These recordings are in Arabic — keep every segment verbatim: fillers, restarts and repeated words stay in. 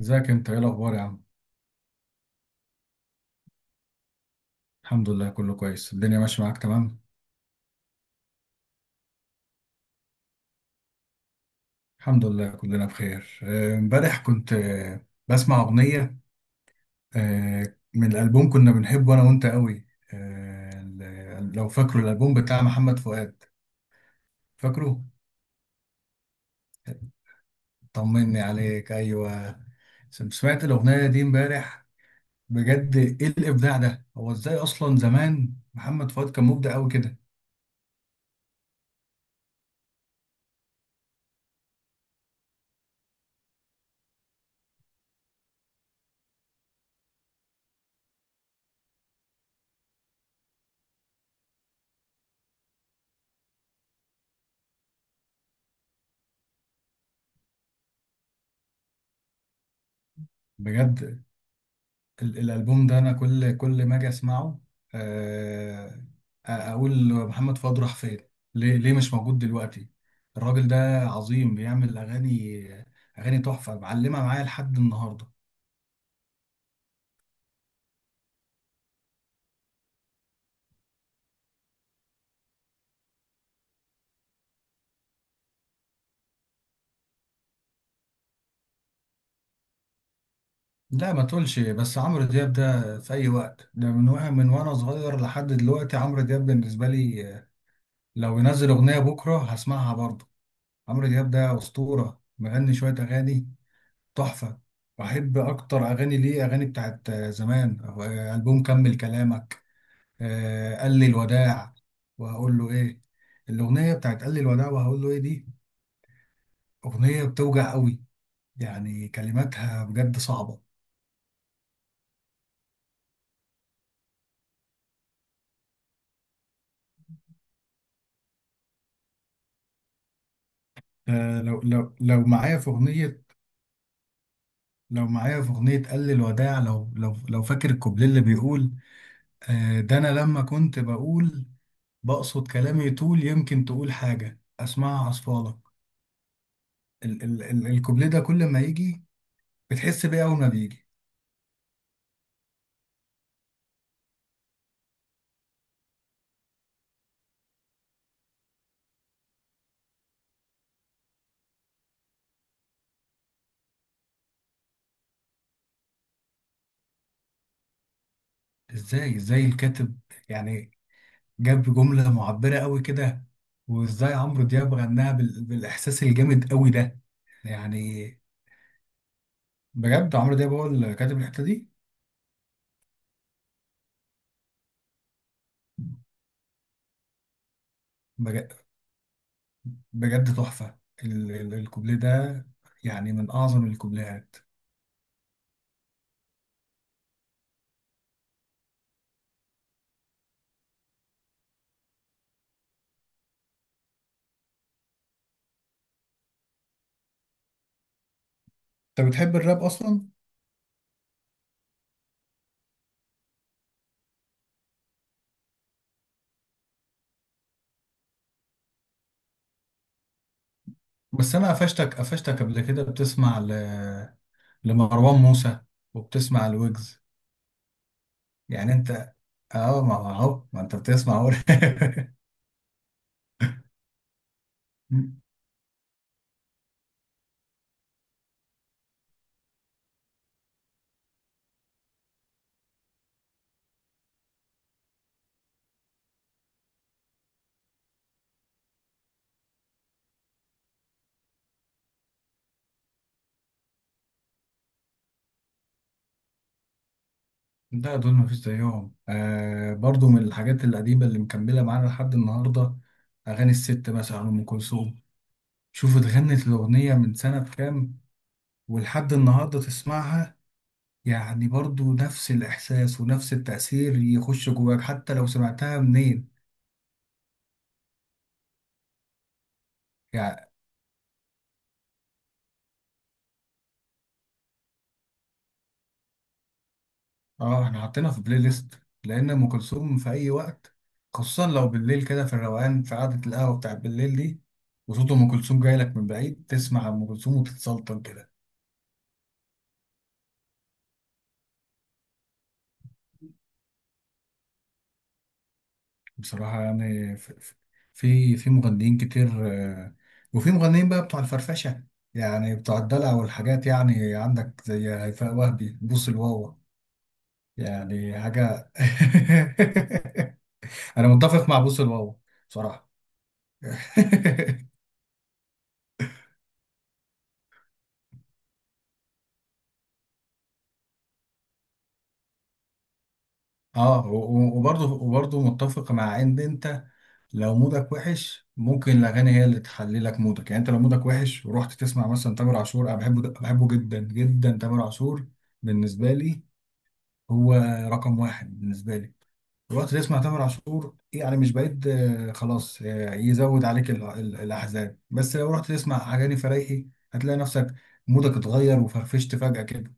ازيك؟ انت ايه الاخبار يا عم؟ الحمد لله كله كويس، الدنيا ماشيه معاك تمام. الحمد لله كلنا بخير. آه، امبارح كنت آه، بسمع اغنيه آه، من الالبوم كنا بنحبه انا وانت قوي. آه، ال- لو فاكره الالبوم بتاع محمد فؤاد؟ فاكره؟ طمني عليك. ايوه. سم- سمعت الاغنيه دي امبارح. بجد، ايه الابداع ده؟ هو ازاي اصلا زمان محمد فؤاد كان مبدع قوي كده؟ بجد، ال- الالبوم ده انا كل كل ما اجي اسمعه، آه، اقول محمد فؤاد راح فين؟ ليه ليه مش موجود دلوقتي؟ الراجل ده عظيم، بيعمل اغاني. اغاني تحفه، معلمه معايا لحد النهارده. لا، ما تقولش، بس عمرو دياب ده في اي وقت. ده من وانا من وانا صغير لحد دلوقتي عمرو دياب بالنسبه لي، آه، لو ينزل اغنيه بكره هسمعها برضه. عمرو دياب ده اسطوره، مغني شويه اغاني تحفة. بحب أكتر أغاني ليه أغاني بتاعت زمان. آه، ألبوم، كمل كلامك. آه، قال لي الوداع، وهقول له إيه. الأغنية بتاعت قال لي الوداع وهقول له إيه دي أغنية بتوجع قوي، يعني كلماتها بجد صعبة. آه، لو لو لو معايا في أغنية، لو معايا في أغنية قال لي الوداع، لو لو لو فاكر الكوبليه اللي بيقول، آه، ده أنا لما كنت بقول بقصد كلامي طول، يمكن تقول حاجة أسمعها عصفالك. ال ال ال الكوبليه ده كل ما يجي، بتحس بيه اول ما بيجي. ازاي ازاي الكاتب، يعني، جاب جملة معبرة قوي كده؟ وازاي عمرو دياب غناها بال... بالاحساس الجامد قوي ده؟ يعني بجد، عمرو دياب هو اللي كاتب الحتة دي؟ بج- بجد تحفة. ال... ال... الكوبليه ده، يعني من اعظم الكوبليهات. انت بتحب الراب اصلا؟ بس انا قفشتك قفشتك قبل كده بتسمع ل... لمروان موسى، وبتسمع الويجز. يعني انت، اه، ما ما هو ما انت بتسمع أهو. لا، دول مفيش زيهم. آه برضو من الحاجات القديمة اللي مكملة معانا لحد النهاردة، أغاني الست مثلا، أم كلثوم. شوف، اتغنت الأغنية من سنة كام، ولحد النهاردة تسمعها، يعني برضو نفس الإحساس ونفس التأثير يخش جواك حتى لو سمعتها منين. يعني، اه، احنا حاطينها في بلاي ليست لأن أم كلثوم في أي وقت، خصوصا لو بالليل كده في الروقان، في قعدة القهوة بتاعت بالليل دي، وصوت أم كلثوم جاي لك من بعيد، تسمع أم كلثوم وتتسلطن كده. بصراحة يعني، ف- ف- في في مغنيين كتير، آه، وفي مغنيين بقى بتوع الفرفشة، يعني بتوع الدلع والحاجات، يعني عندك زي هيفاء وهبي بوس الواوا، يعني حاجة. أنا متفق مع بوس الواوا بصراحة. اه، و- و- وبرضه وبرضه متفق مع ان انت، لو مودك وحش ممكن الاغاني هي اللي تحلي لك مودك. يعني انت لو مودك وحش ورحت تسمع مثلا تامر عاشور، انا بحبه بحبه جدا جدا تامر عاشور. بالنسبه لي هو رقم واحد بالنسبة لي. الوقت اللي اسمه تامر عاشور يعني مش بعيد، آه، خلاص، آه، يزود عليك ال- ال- الأحزان. بس لو رحت تسمع أغاني فريحي، هتلاقي نفسك مودك اتغير وفرفشت فجأة كده.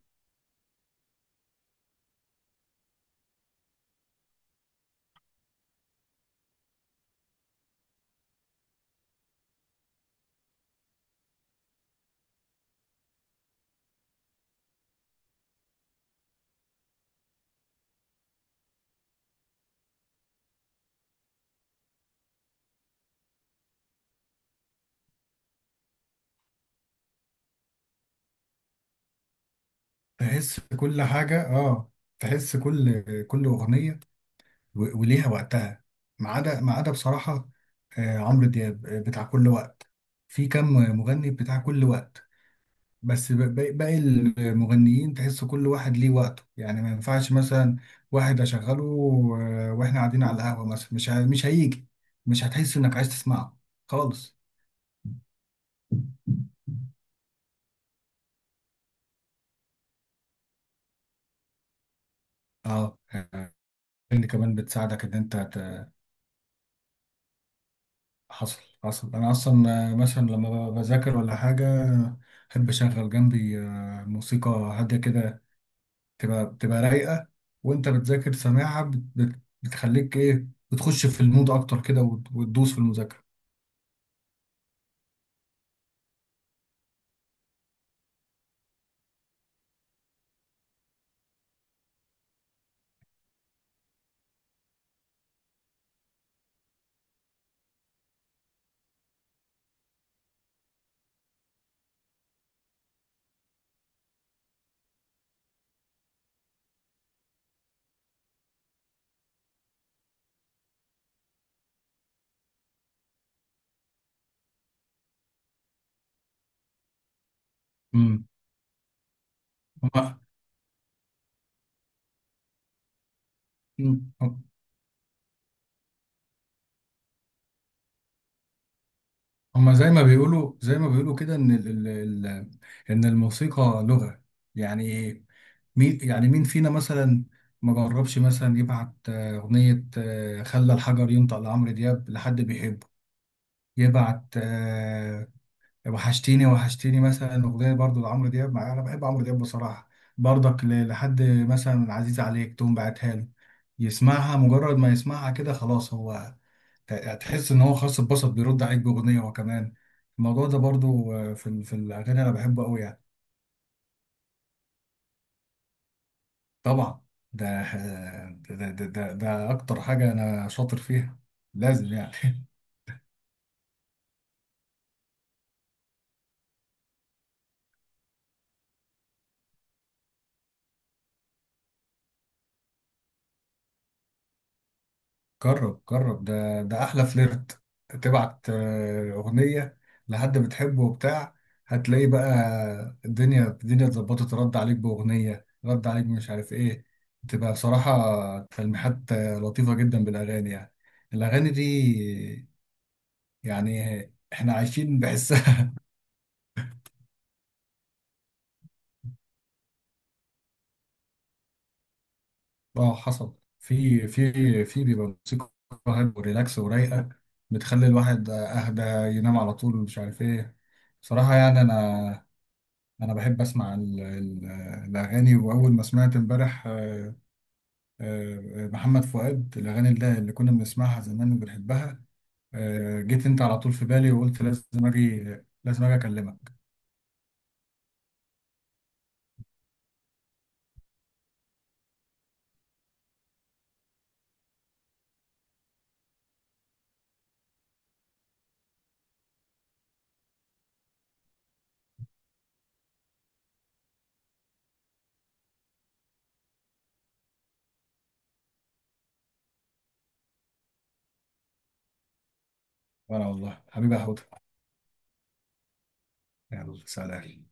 تحس كل حاجة، اه. تحس كل كل أغنية و- وليها وقتها. ما عدا ما عدا بصراحة، آه، عمرو دياب، آه، بتاع كل وقت. في كم مغني بتاع كل وقت؟ بس ب- ب- باقي المغنيين تحس كل واحد ليه وقته، يعني ما ينفعش مثلا واحد اشغله و- واحنا قاعدين على القهوة مثلا، مش ه- مش هيجي، مش هتحس انك عايز تسمعه خالص. اه، اللي كمان بتساعدك ان انت ت- حصل حصل، انا اصلا آه، مثلا لما ب- بذاكر ولا حاجة، احب اشغل جنبي آه، موسيقى هادية كده، تبقى بتبقى رايقة. وانت بتذاكر سامعها بت- بت- بتخليك ايه، بتخش في المود اكتر كده وت- وتدوس في المذاكرة. امم مم. هم- هما زي ما بيقولوا زي ما بيقولوا كده، ان ال ال ال ان الموسيقى لغة. يعني مين، يعني مين فينا مثلا ما جربش مثلا يبعت آه، أغنية آه، خلى الحجر ينطق لعمرو دياب لحد بيحبه، يبعت آه، وحشتيني وحشتيني مثلا، أغنية برضو لعمرو دياب، مع أنا بحب عمرو دياب بصراحة، برضك ل- لحد مثلا عزيز عليك تقوم بعتها له، يسمعها. مجرد ما يسمعها كده خلاص، هو هتحس ان هو خاص اتبسط، بيرد عليك باغنيه هو كمان. الموضوع ده برضو، آه، في ال- في الاغاني انا بحبه قوي يعني. طبعا، ده آه، ده ده ده, ده اكتر حاجه انا شاطر فيها، لازم يعني. جرب جرب، ده ده احلى فليرت. تبعت آه، اغنيه لحد بتحبه وبتاع، هتلاقي بقى الدنيا الدنيا اتظبطت، رد عليك باغنيه، رد عليك مش عارف ايه. تبقى بصراحه تلميحات، آه، لطيفه جدا بالاغاني، يعني الاغاني دي، يعني احنا عايشين بحسها. اه، حصل. في في في بيبقى موسيقى هادية وريلاكس ورايقه، بتخلي الواحد اهدى، ينام على طول مش عارف ايه. بصراحه يعني، انا انا بحب اسمع ال- ال- الاغاني. واول ما سمعت امبارح آه، آه، محمد فؤاد، الاغاني اللي اللي كنا بنسمعها زمان وبنحبها، آه، جيت انت على طول في بالي وقلت لازم اجي لازم اجي اكلمك. وانا والله حبيبي يا هدى. يلا، سلام.